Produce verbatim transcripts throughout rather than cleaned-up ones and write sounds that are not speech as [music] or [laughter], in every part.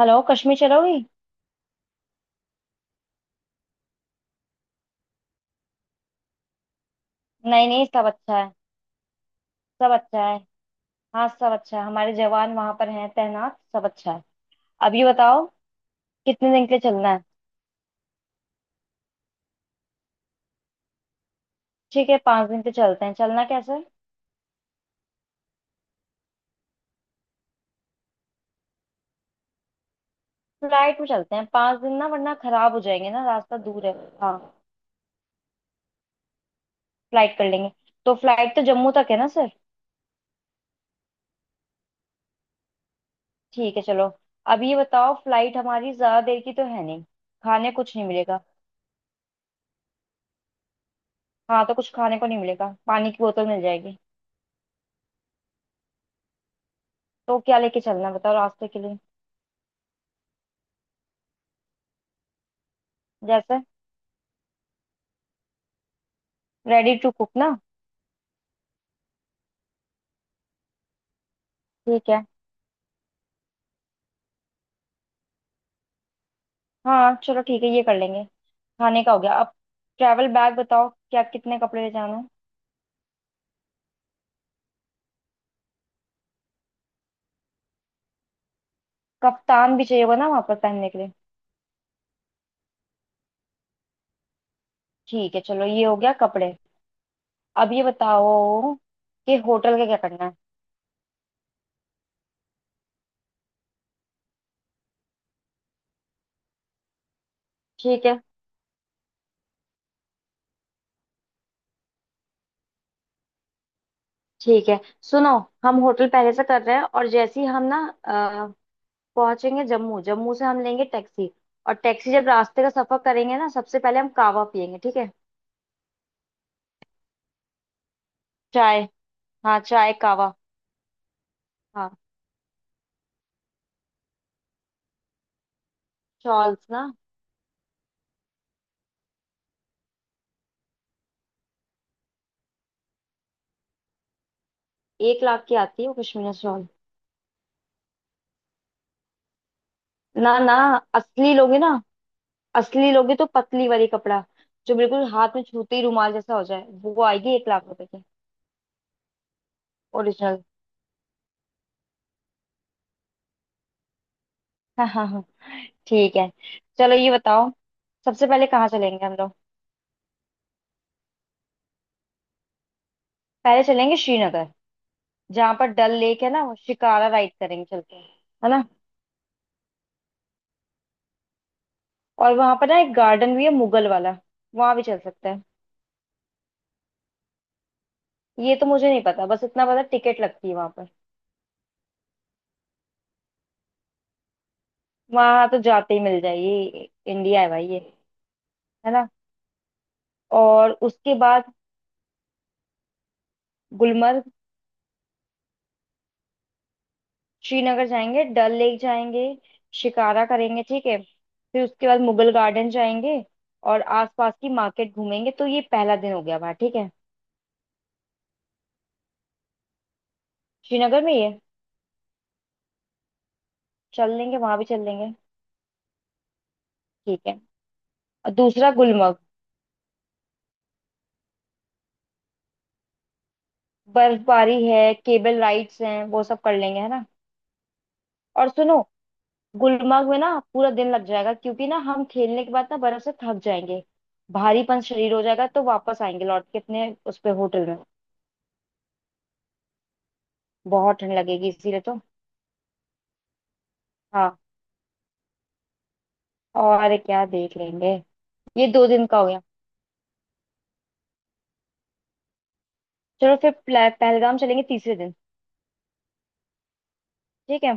Hello Kashmir चलोगी। नहीं नहीं, सब अच्छा है। सब अच्छा है। हाँ, सब अच्छा है, हमारे जवान वहां पर हैं तैनात, सब अच्छा है। अभी बताओ कितने दिन के लिए चलना है। ठीक है, पाँच दिन के लिए चलते हैं। चलना कैसे है? फ्लाइट में चलते हैं, पाँच दिन ना, वरना खराब हो जाएंगे ना, रास्ता दूर है। हाँ, फ्लाइट कर लेंगे। तो फ्लाइट तो जम्मू तक है ना सर। ठीक है चलो। अब ये बताओ फ्लाइट हमारी ज्यादा देर की तो है नहीं, खाने कुछ नहीं मिलेगा। हाँ, तो कुछ खाने को नहीं मिलेगा, पानी की बोतल मिल जाएगी। तो क्या लेके चलना है बताओ रास्ते के लिए। जैसे रेडी टू कुक ना। ठीक है। हाँ चलो ठीक है, ये कर लेंगे। खाने का हो गया। अब ट्रैवल बैग बताओ, क्या कितने कपड़े ले जाना है। कफ्तान भी चाहिए होगा ना वहां पर पहनने के लिए। ठीक है चलो, ये हो गया कपड़े। अब ये बताओ कि होटल का क्या करना है। ठीक है, ठीक है सुनो। हम होटल पहले से कर रहे हैं, और जैसे ही हम ना अ, पहुंचेंगे जम्मू, जम्मू से हम लेंगे टैक्सी। और टैक्सी जब रास्ते का सफर करेंगे ना, सबसे पहले हम कावा पियेंगे, ठीक है। चाय। हाँ चाय, कावा। हाँ। शॉल्स ना। एक लाख की आती है वो कश्मीर शॉल। ना ना, असली लोगे ना। असली लोगे तो पतली वाली कपड़ा, जो बिल्कुल हाथ में छूते ही रुमाल जैसा हो जाए, वो आएगी एक लाख रुपए की। ओरिजिनल। हाँ हाँ हाँ। [laughs] ठीक है। चलो ये बताओ, सबसे पहले कहाँ चलेंगे हम लोग। पहले चलेंगे श्रीनगर, जहाँ पर डल लेक है ना, वो शिकारा राइड करेंगे चल के, है ना। और वहां पर ना एक गार्डन भी है मुगल वाला, वहां भी चल सकते हैं। ये तो मुझे नहीं पता, बस इतना पता टिकट लगती है वहां पर। वहां तो जाते ही मिल जाएगी, इंडिया है भाई ये। है ना। और उसके बाद गुलमर्ग। श्रीनगर जाएंगे, डल लेक जाएंगे, शिकारा करेंगे, ठीक है। फिर उसके बाद मुगल गार्डन जाएंगे, और आसपास की मार्केट घूमेंगे। तो ये पहला दिन हो गया वहाँ, ठीक है। श्रीनगर में ये चल लेंगे, वहां भी चल लेंगे। ठीक है, और दूसरा गुलमर्ग। बर्फबारी है, केबल राइड्स हैं, वो सब कर लेंगे, है ना। और सुनो, गुलमर्ग में ना पूरा दिन लग जाएगा, क्योंकि ना हम खेलने के बाद ना बर्फ से थक जाएंगे, भारीपन शरीर हो जाएगा, तो वापस आएंगे लौट के अपने उस पे होटल में। बहुत ठंड लगेगी इसीलिए तो। हाँ और क्या देख लेंगे। ये दो दिन का हो गया। चलो फिर प्ला- पहलगाम चलेंगे तीसरे दिन। ठीक है,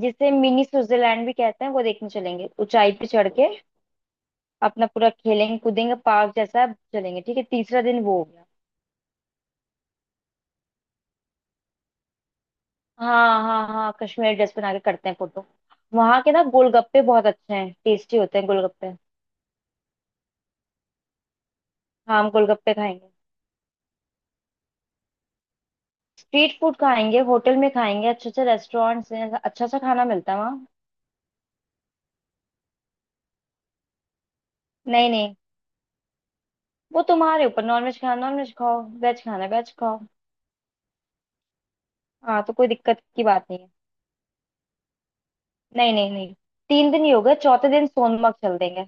जिसे मिनी स्विट्जरलैंड भी कहते हैं, वो देखने चलेंगे ऊंचाई पे चढ़ के। अपना पूरा खेलेंगे कूदेंगे, पार्क जैसा चलेंगे। ठीक है, तीसरा दिन वो हो गया। हाँ हाँ हाँ, कश्मीरी ड्रेस पहना के करते हैं फोटो। वहां के ना गोलगप्पे बहुत अच्छे हैं, टेस्टी होते हैं गोलगप्पे। हाँ हम गोलगप्पे खाएंगे। स्ट्रीट फूड खाएंगे, होटल में खाएंगे, अच्छे अच्छे रेस्टोरेंट्स हैं, अच्छा सा खाना मिलता है वहाँ। नहीं नहीं, वो तुम्हारे ऊपर, नॉन वेज खाना नॉन वेज खाओ, वेज खाना वेज खाओ। हाँ तो कोई दिक्कत की बात नहीं है। नहीं नहीं नहीं। तीन दिन ही हो गए, चौथे दिन सोनमर्ग चल देंगे।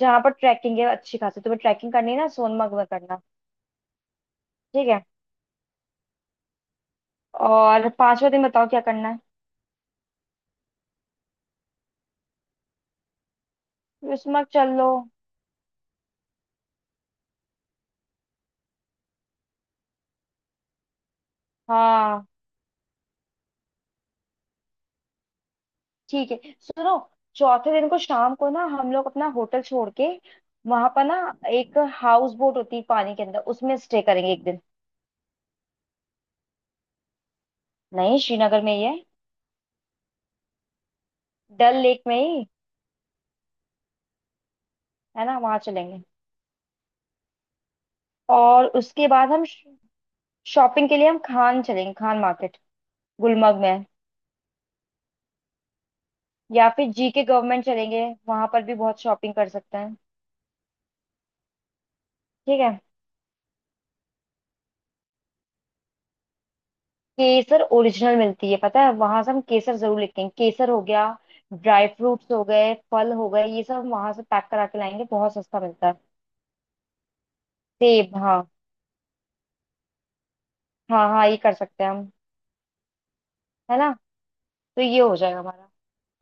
जहाँ पर ट्रैकिंग है अच्छी खासी, तुम्हें ट्रैकिंग करनी है ना, सोनमर्ग में करना। ठीक है। और पांचवा दिन बताओ, क्या करना है सोनमर्ग चल लो। हाँ। ठीक है सुनो, चौथे दिन को शाम को ना हम लोग अपना होटल छोड़ के, वहां पर ना एक हाउस बोट होती है पानी के अंदर, उसमें स्टे करेंगे एक दिन। नहीं, श्रीनगर में ही है। डल लेक में ही, है ना, वहां चलेंगे। और उसके बाद हम शॉपिंग के लिए हम खान चलेंगे, खान मार्केट, गुलमर्ग में। या फिर जी के गवर्नमेंट चलेंगे, वहां पर भी बहुत शॉपिंग कर सकते हैं। ठीक है। केसर ओरिजिनल मिलती है पता है, वहां से हम केसर जरूर लेते हैं। केसर हो गया, ड्राई फ्रूट्स हो गए, फल हो गए, ये सब वहां से पैक करा के लाएंगे, बहुत सस्ता मिलता है। सेब, हाँ हाँ हाँ, ये कर सकते हैं हम, है ना। तो ये हो जाएगा हमारा।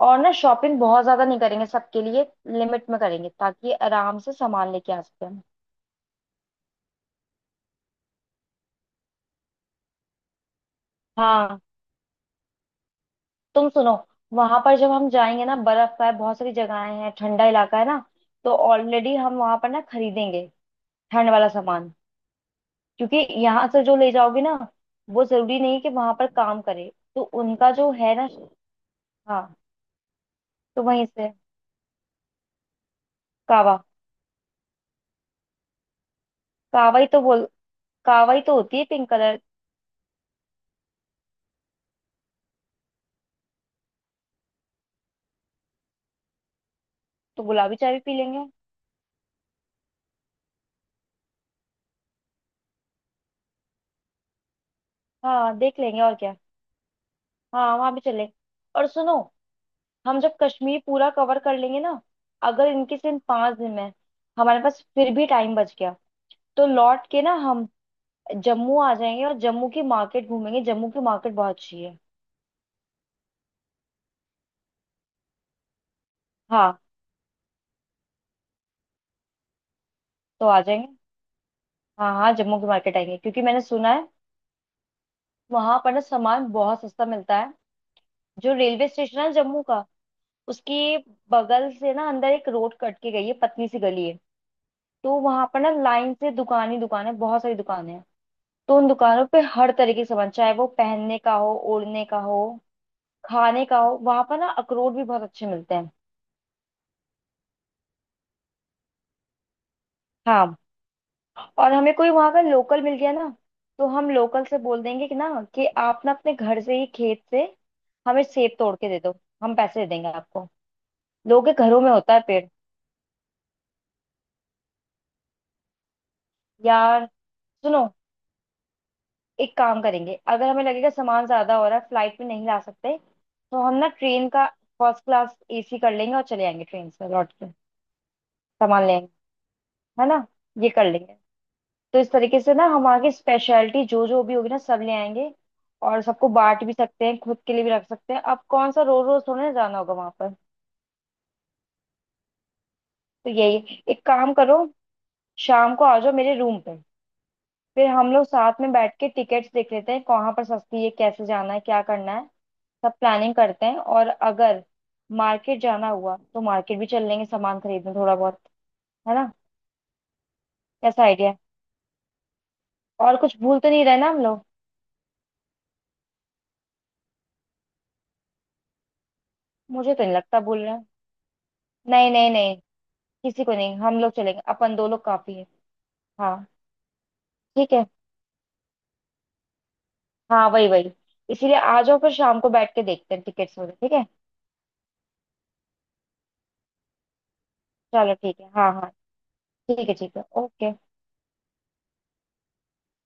और ना शॉपिंग बहुत ज्यादा नहीं करेंगे सबके लिए, लिमिट में करेंगे, ताकि आराम से सामान लेके आ सके हम। हाँ तुम सुनो, वहां पर जब हम जाएंगे ना, बर्फ का है, बहुत सारी जगहें हैं, ठंडा इलाका है ना, तो ऑलरेडी हम वहां पर ना खरीदेंगे ठंड वाला सामान। क्योंकि यहाँ से जो ले जाओगे ना, वो जरूरी नहीं कि वहां पर काम करे, तो उनका जो है ना, हाँ, तो वहीं से। कावा। कावा ही तो बोल, कावा ही तो होती है पिंक कलर। तो गुलाबी चाय भी पी लेंगे। हाँ देख लेंगे और क्या। हाँ वहां भी चलेंगे। और सुनो, हम जब कश्मीर पूरा कवर कर लेंगे ना, अगर इनके सिर्फ पांच दिन में हमारे पास फिर भी टाइम बच गया, तो लौट के ना हम जम्मू आ जाएंगे, और जम्मू की मार्केट घूमेंगे, जम्मू की मार्केट बहुत अच्छी है। हाँ तो आ जाएंगे। हाँ हाँ, जम्मू की मार्केट आएंगे, क्योंकि मैंने सुना है वहां पर ना सामान बहुत सस्ता मिलता है। जो रेलवे स्टेशन है जम्मू का, उसके बगल से ना अंदर एक रोड कट के गई है, पतली सी गली है। तो वहां पर ना लाइन से दुकान ही दुकान है, बहुत सारी दुकानें हैं। तो उन दुकानों पे हर तरीके का सामान, चाहे वो पहनने का हो, ओढ़ने का हो, खाने का हो, वहां पर ना अखरोट भी बहुत अच्छे मिलते हैं। हाँ, और हमें कोई वहां का लोकल मिल गया ना, तो हम लोकल से बोल देंगे कि ना, कि आप ना अपने घर से ही, खेत से हमें सेब तोड़ के दे दो, हम पैसे दे देंगे आपको। लोगों के घरों में होता है पेड़। यार सुनो, एक काम करेंगे, अगर हमें लगेगा सामान ज्यादा हो रहा है, फ्लाइट में नहीं ला सकते, तो हम ना ट्रेन का फर्स्ट क्लास ए सी कर लेंगे, और चले आएंगे ट्रेन से लौट के। सामान लेंगे, है ना, ये कर लेंगे। तो इस तरीके से ना हम आगे स्पेशलिटी जो जो भी होगी ना सब ले आएंगे। और सबको बांट भी सकते हैं, खुद के लिए भी रख सकते हैं, अब कौन सा रोज रोज थोड़ा ना जाना होगा वहां पर। तो यही एक काम करो, शाम को आ जाओ मेरे रूम पे, फिर हम लोग साथ में बैठ के टिकट्स देख लेते हैं, कहाँ पर सस्ती है, कैसे जाना है, क्या करना है, सब प्लानिंग करते हैं। और अगर मार्केट जाना हुआ तो मार्केट भी चल लेंगे, सामान खरीदने थोड़ा बहुत, है ना। कैसा आइडिया है? और कुछ भूल तो नहीं रहे ना हम लोग। मुझे तो नहीं लगता भूल रहे हैं। नहीं नहीं नहीं, किसी को नहीं, हम लोग चलेंगे, अपन दो लोग काफी है। हाँ ठीक है, हाँ वही वही, इसीलिए आ जाओ फिर शाम को, बैठ के देखते हैं टिकट्स वगैरह, ठीक है। चलो ठीक है, हाँ हाँ, ठीक है ठीक है, ओके।